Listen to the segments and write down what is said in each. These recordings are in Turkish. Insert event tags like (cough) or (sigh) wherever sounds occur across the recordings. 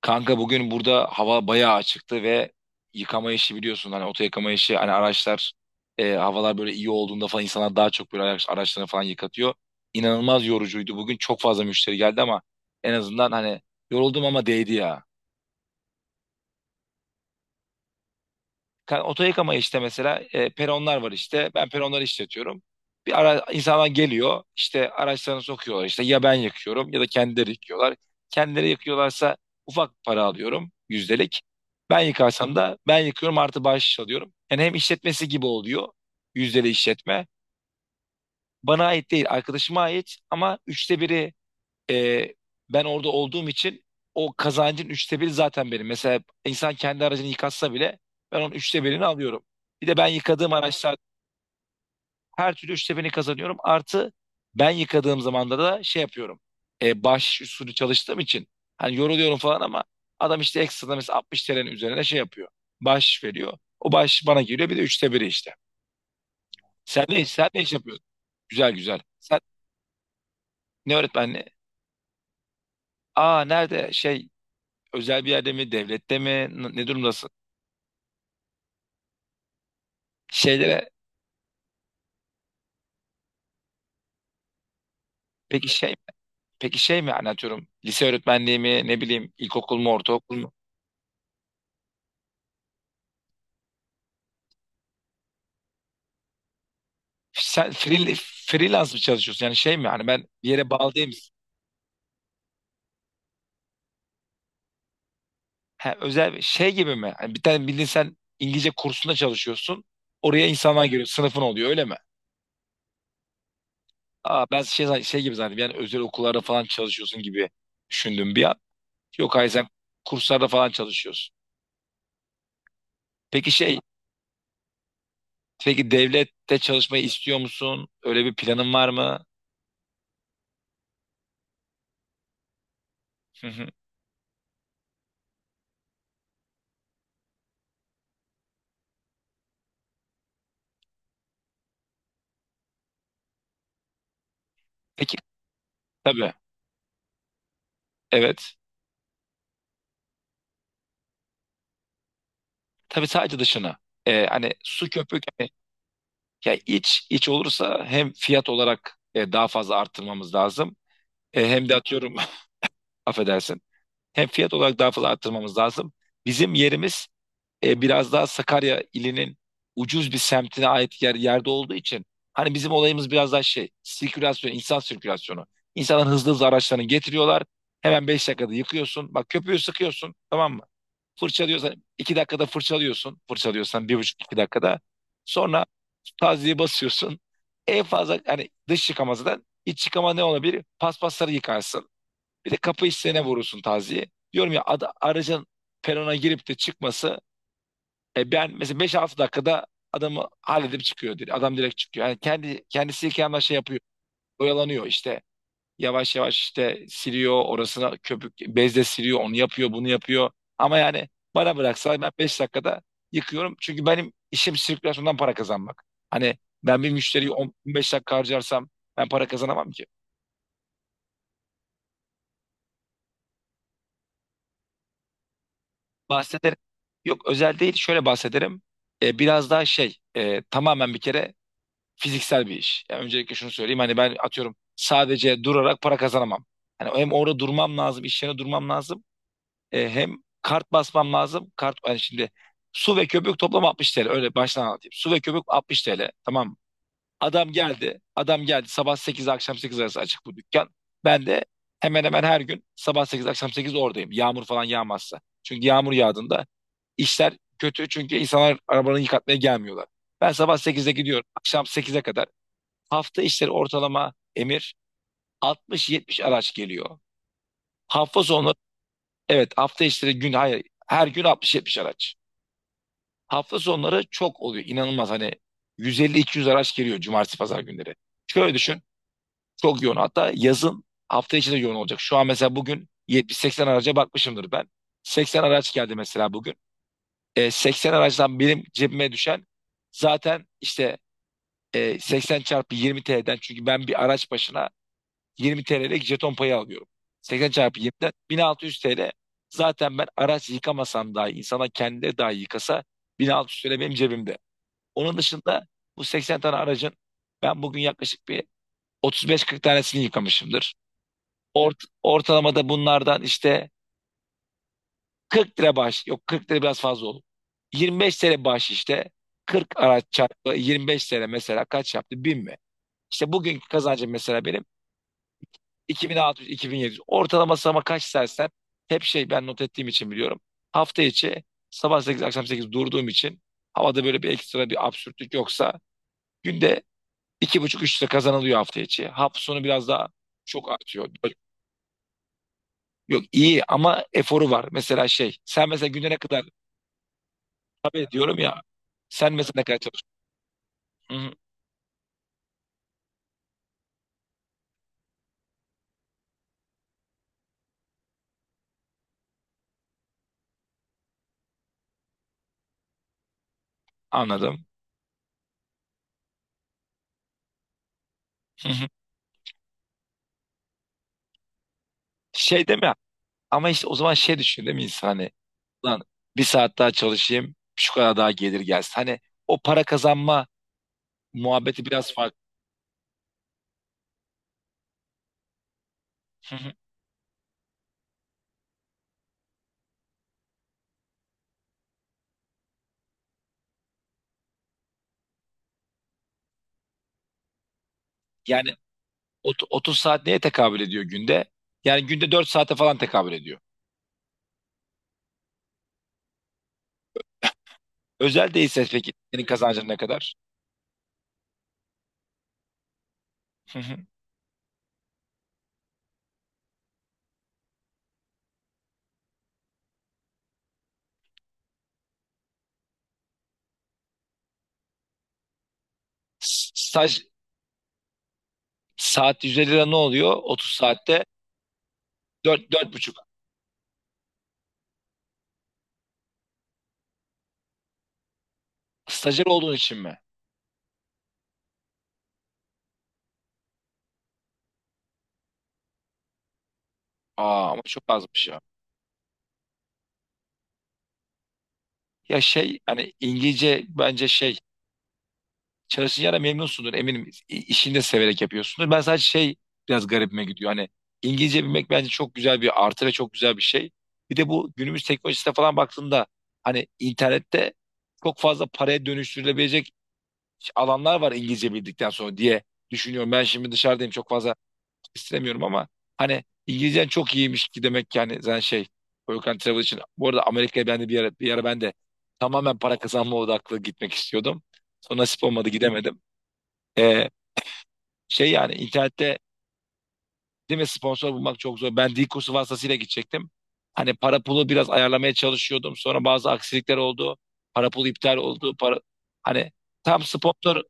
Kanka bugün burada hava bayağı açıktı ve yıkama işi biliyorsun, hani oto yıkama işi, hani araçlar havalar böyle iyi olduğunda falan insanlar daha çok böyle araçlarını falan yıkatıyor. İnanılmaz yorucuydu, bugün çok fazla müşteri geldi ama en azından, hani, yoruldum ama değdi ya. Oto işte, mesela peronlar var işte. Ben peronları işletiyorum. Bir ara insanlar geliyor işte, araçlarını sokuyorlar işte, ya ben yakıyorum ya da kendileri yıkıyorlar. Kendileri yakıyorlarsa ufak para alıyorum, yüzdelik. Ben yıkarsam da ben yıkıyorum, artı bahşiş alıyorum. Yani hem işletmesi gibi oluyor, yüzdeli işletme. Bana ait değil, arkadaşıma ait ama üçte biri ee, ben orada olduğum için o kazancın üçte biri zaten benim. Mesela insan kendi aracını yıkatsa bile ben onun üçte birini alıyorum. Bir de ben yıkadığım araçlar, her türlü üçte birini kazanıyorum. Artı ben yıkadığım zamanda da şey yapıyorum. Bahşiş usulü çalıştığım için hani yoruluyorum falan ama adam işte ekstra mesela 60 TL'nin üzerine şey yapıyor. Bahşiş veriyor. O bahşiş bana geliyor, bir de üçte biri işte. Sen ne iş yapıyorsun? Güzel güzel. Sen ne öğretmenliği? Aa, nerede, şey, özel bir yerde mi, devlette mi, ne durumdasın? Şeylere peki şey Peki, şey mi yani, atıyorum lise öğretmenliği mi, ne bileyim ilkokul mu, ortaokul mu? Sen freelance mı çalışıyorsun? Yani şey mi yani, ben bir yere bağlı değil misin? Ha, özel bir şey gibi mi? Hani bir tane, bildiğin sen İngilizce kursunda çalışıyorsun. Oraya insanlar giriyor, sınıfın oluyor, öyle mi? Aa, ben şey, şey gibi zannettim yani, özel okullarda falan çalışıyorsun gibi düşündüm bir an. Yok, hayır, sen kurslarda falan çalışıyorsun. Peki şey Peki devlette çalışmayı istiyor musun? Öyle bir planın var mı? Hı hı. Peki, tabii. Evet. Tabii, sadece dışına. Hani su köpük, hani, ya iç iç olursa hem fiyat olarak daha fazla arttırmamız lazım. Hem de atıyorum (laughs) affedersin. Hem fiyat olarak daha fazla arttırmamız lazım. Bizim yerimiz biraz daha Sakarya ilinin ucuz bir semtine ait yerde olduğu için, hani bizim olayımız biraz daha şey, sirkülasyon, insan sirkülasyonu. İnsanların hızlı hızlı araçlarını getiriyorlar. Hemen 5 dakikada yıkıyorsun. Bak, köpüğü sıkıyorsun, tamam mı? Fırçalıyorsan 2 dakikada fırçalıyorsun. Fırçalıyorsan bir buçuk 2 dakikada. Sonra tazyiye basıyorsun. En fazla hani dış yıkamazdan iç yıkama ne olabilir? Paspasları yıkarsın. Bir de kapı hissene vurursun taziye. Diyorum ya, aracın perona girip de çıkması, ben mesela 5-6 dakikada adamı halledip çıkıyor direkt. Adam direkt çıkıyor. Yani kendi kendisi kendi şey yapıyor. Oyalanıyor işte. Yavaş yavaş işte siliyor, orasına köpük bezle siliyor. Onu yapıyor, bunu yapıyor. Ama yani bana bıraksa ben 5 dakikada yıkıyorum. Çünkü benim işim sirkülasyondan para kazanmak. Hani ben bir müşteriyi 10-15 dakika harcarsam ben para kazanamam ki. Bahsederim. Yok, özel değil, şöyle bahsederim. Biraz daha şey, tamamen bir kere fiziksel bir iş. Yani öncelikle şunu söyleyeyim, hani ben atıyorum sadece durarak para kazanamam. Hani hem orada durmam lazım, iş yerine durmam lazım. Hem kart basmam lazım. Kart, hani, şimdi su ve köpük toplam 60 TL, öyle baştan anlatayım. Su ve köpük 60 TL, tamam mı? Adam geldi, sabah 8 akşam 8 arası açık bu dükkan. Ben de hemen hemen her gün sabah 8 akşam 8 oradayım, yağmur falan yağmazsa. Çünkü yağmur yağdığında işler kötü, çünkü insanlar arabalarını yıkatmaya gelmiyorlar. Ben sabah 8'de gidiyorum. Akşam sekize kadar hafta işleri ortalama, Emir, 60-70 araç geliyor. Hafta sonları, evet hafta işleri gün hayır, her gün 60-70 araç. Hafta sonları çok oluyor, inanılmaz, hani 150-200 araç geliyor cumartesi pazar günleri. Şöyle düşün, çok yoğun, hatta yazın hafta içi de yoğun olacak. Şu an mesela bugün 70-80 araca bakmışımdır ben. 80 araç geldi mesela bugün. 80 aracdan benim cebime düşen, zaten işte 80 çarpı 20 TL'den, çünkü ben bir araç başına 20 TL'lik jeton payı alıyorum. 80 çarpı 20'den 1600 TL, zaten ben araç yıkamasam dahi, insana kendi dahi yıkasa, 1600 TL benim cebimde. Onun dışında bu 80 tane aracın ben bugün yaklaşık bir 35-40 tanesini yıkamışımdır. Ortalama da bunlardan işte 40 lira bağış. Yok, 40 lira biraz fazla olur. 25 lira bağış işte. 40 araç çarpı 25 lira, mesela kaç yaptı? 1000 mi? İşte bugünkü kazancım mesela benim 2600-2700. Ortalaması ama, kaç istersen, hep şey, ben not ettiğim için biliyorum. Hafta içi sabah 8 akşam 8 durduğum için, havada böyle bir ekstra bir absürtlük yoksa günde iki buçuk üç lira kazanılıyor hafta içi. Hafta sonu biraz daha çok artıyor. Yok, iyi ama eforu var. Mesela, şey, sen mesela günde ne kadar. Tabii, diyorum ya, sen mesela ne kadar çalışıyorsun? Hı hı, anladım. Hı hı. Şey deme, ama işte o zaman şey düşün değil mi insan, hani, lan bir saat daha çalışayım şu kadar daha gelir gelsin. Hani o para kazanma muhabbeti biraz farklı. Hı hı. Yani, 30 saat neye tekabül ediyor günde? Yani günde 4 saate falan tekabül ediyor. Özel değilse peki senin kazancın ne kadar? Hı hı. Staj saat 150 lira ne oluyor? 30 saatte dört, dört buçuk. Stajyer olduğun için mi? Aa, ama çok azmış. Ya, şey, hani, İngilizce bence, şey, çalışacağına memnunsundur eminim, işini de severek yapıyorsundur. Ben sadece, şey, biraz garibime gidiyor, hani İngilizce bilmek bence çok güzel bir artı ve çok güzel bir şey. Bir de bu günümüz teknolojisine falan baktığında, hani internette çok fazla paraya dönüştürülebilecek alanlar var İngilizce bildikten sonra diye düşünüyorum. Ben şimdi dışarıdayım, çok fazla istemiyorum ama, hani İngilizcen çok iyiymiş ki, demek ki hani sen, şey, work and travel için bu arada Amerika'ya ben de bir ara ben de tamamen para kazanma odaklı gitmek istiyordum. Sonra nasip olmadı, gidemedim. Ee, Şey, yani internette değil mi, sponsor bulmak çok zor. Ben dil vasıtasıyla gidecektim. Hani para pulu biraz ayarlamaya çalışıyordum. Sonra bazı aksilikler oldu. Para pulu iptal oldu. Para, hani, tam sponsor,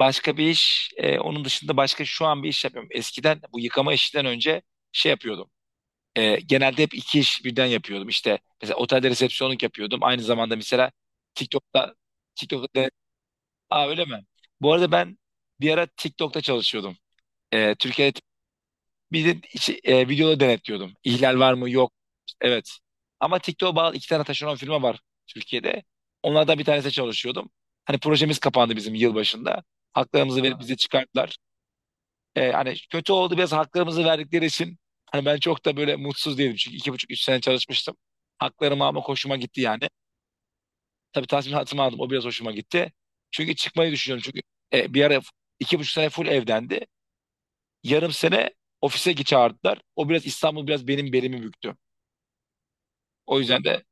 başka bir iş. Onun dışında başka şu an bir iş yapıyorum. Eskiden, bu yıkama işinden önce, şey yapıyordum. Genelde hep iki iş birden yapıyordum. İşte mesela otelde resepsiyonluk yapıyordum. Aynı zamanda mesela TikTok'ta TikTok'ta Aa, öyle mi? Bu arada ben bir ara TikTok'ta çalışıyordum. Türkiye'de, bir de videoları denetliyordum. İhlal var mı? Yok. Evet. Ama TikTok'a bağlı iki tane taşeron firma var Türkiye'de. Onlardan bir tanesi çalışıyordum. Hani projemiz kapandı bizim yılbaşında. Haklarımızı verip bizi çıkarttılar. Hani kötü oldu biraz, haklarımızı verdikleri için hani ben çok da böyle mutsuz değilim. Çünkü iki buçuk üç sene çalışmıştım. Haklarımı almak hoşuma gitti yani. Tabii, tazminatımı aldım. O biraz hoşuma gitti. Çünkü çıkmayı düşünüyorum. Çünkü, bir ara iki buçuk sene full evdendi. Yarım sene ofise git çağırdılar. O biraz İstanbul biraz benim belimi büktü. O yüzden de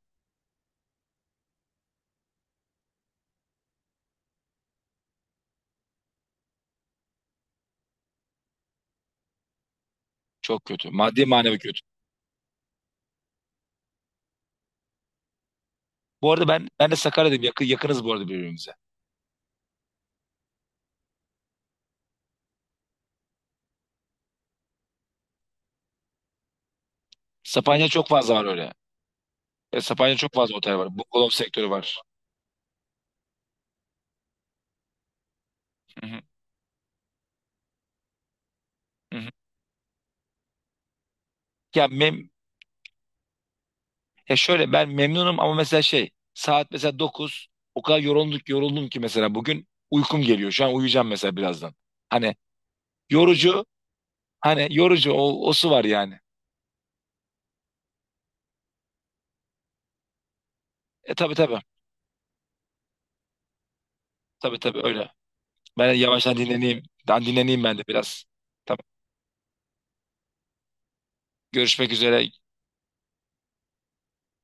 çok kötü. Maddi manevi kötü. Bu arada ben, ben de Sakarya'dayım. Yakınız bu arada birbirimize. Sapanca çok fazla var öyle. Sapanca çok fazla otel var. Bungalov sektörü var. Hı hı, hı hı. Ya mem Ya, şöyle, ben memnunum ama mesela şey saat mesela dokuz, o kadar yoruldum ki mesela bugün uykum geliyor. Şu an uyuyacağım mesela birazdan. Hani yorucu Hani yorucu, o su var yani. Tabii tabii, tabii tabii, öyle. Ben yavaştan dinleneyim. Ben dinleneyim ben de biraz. Tamam. Görüşmek üzere.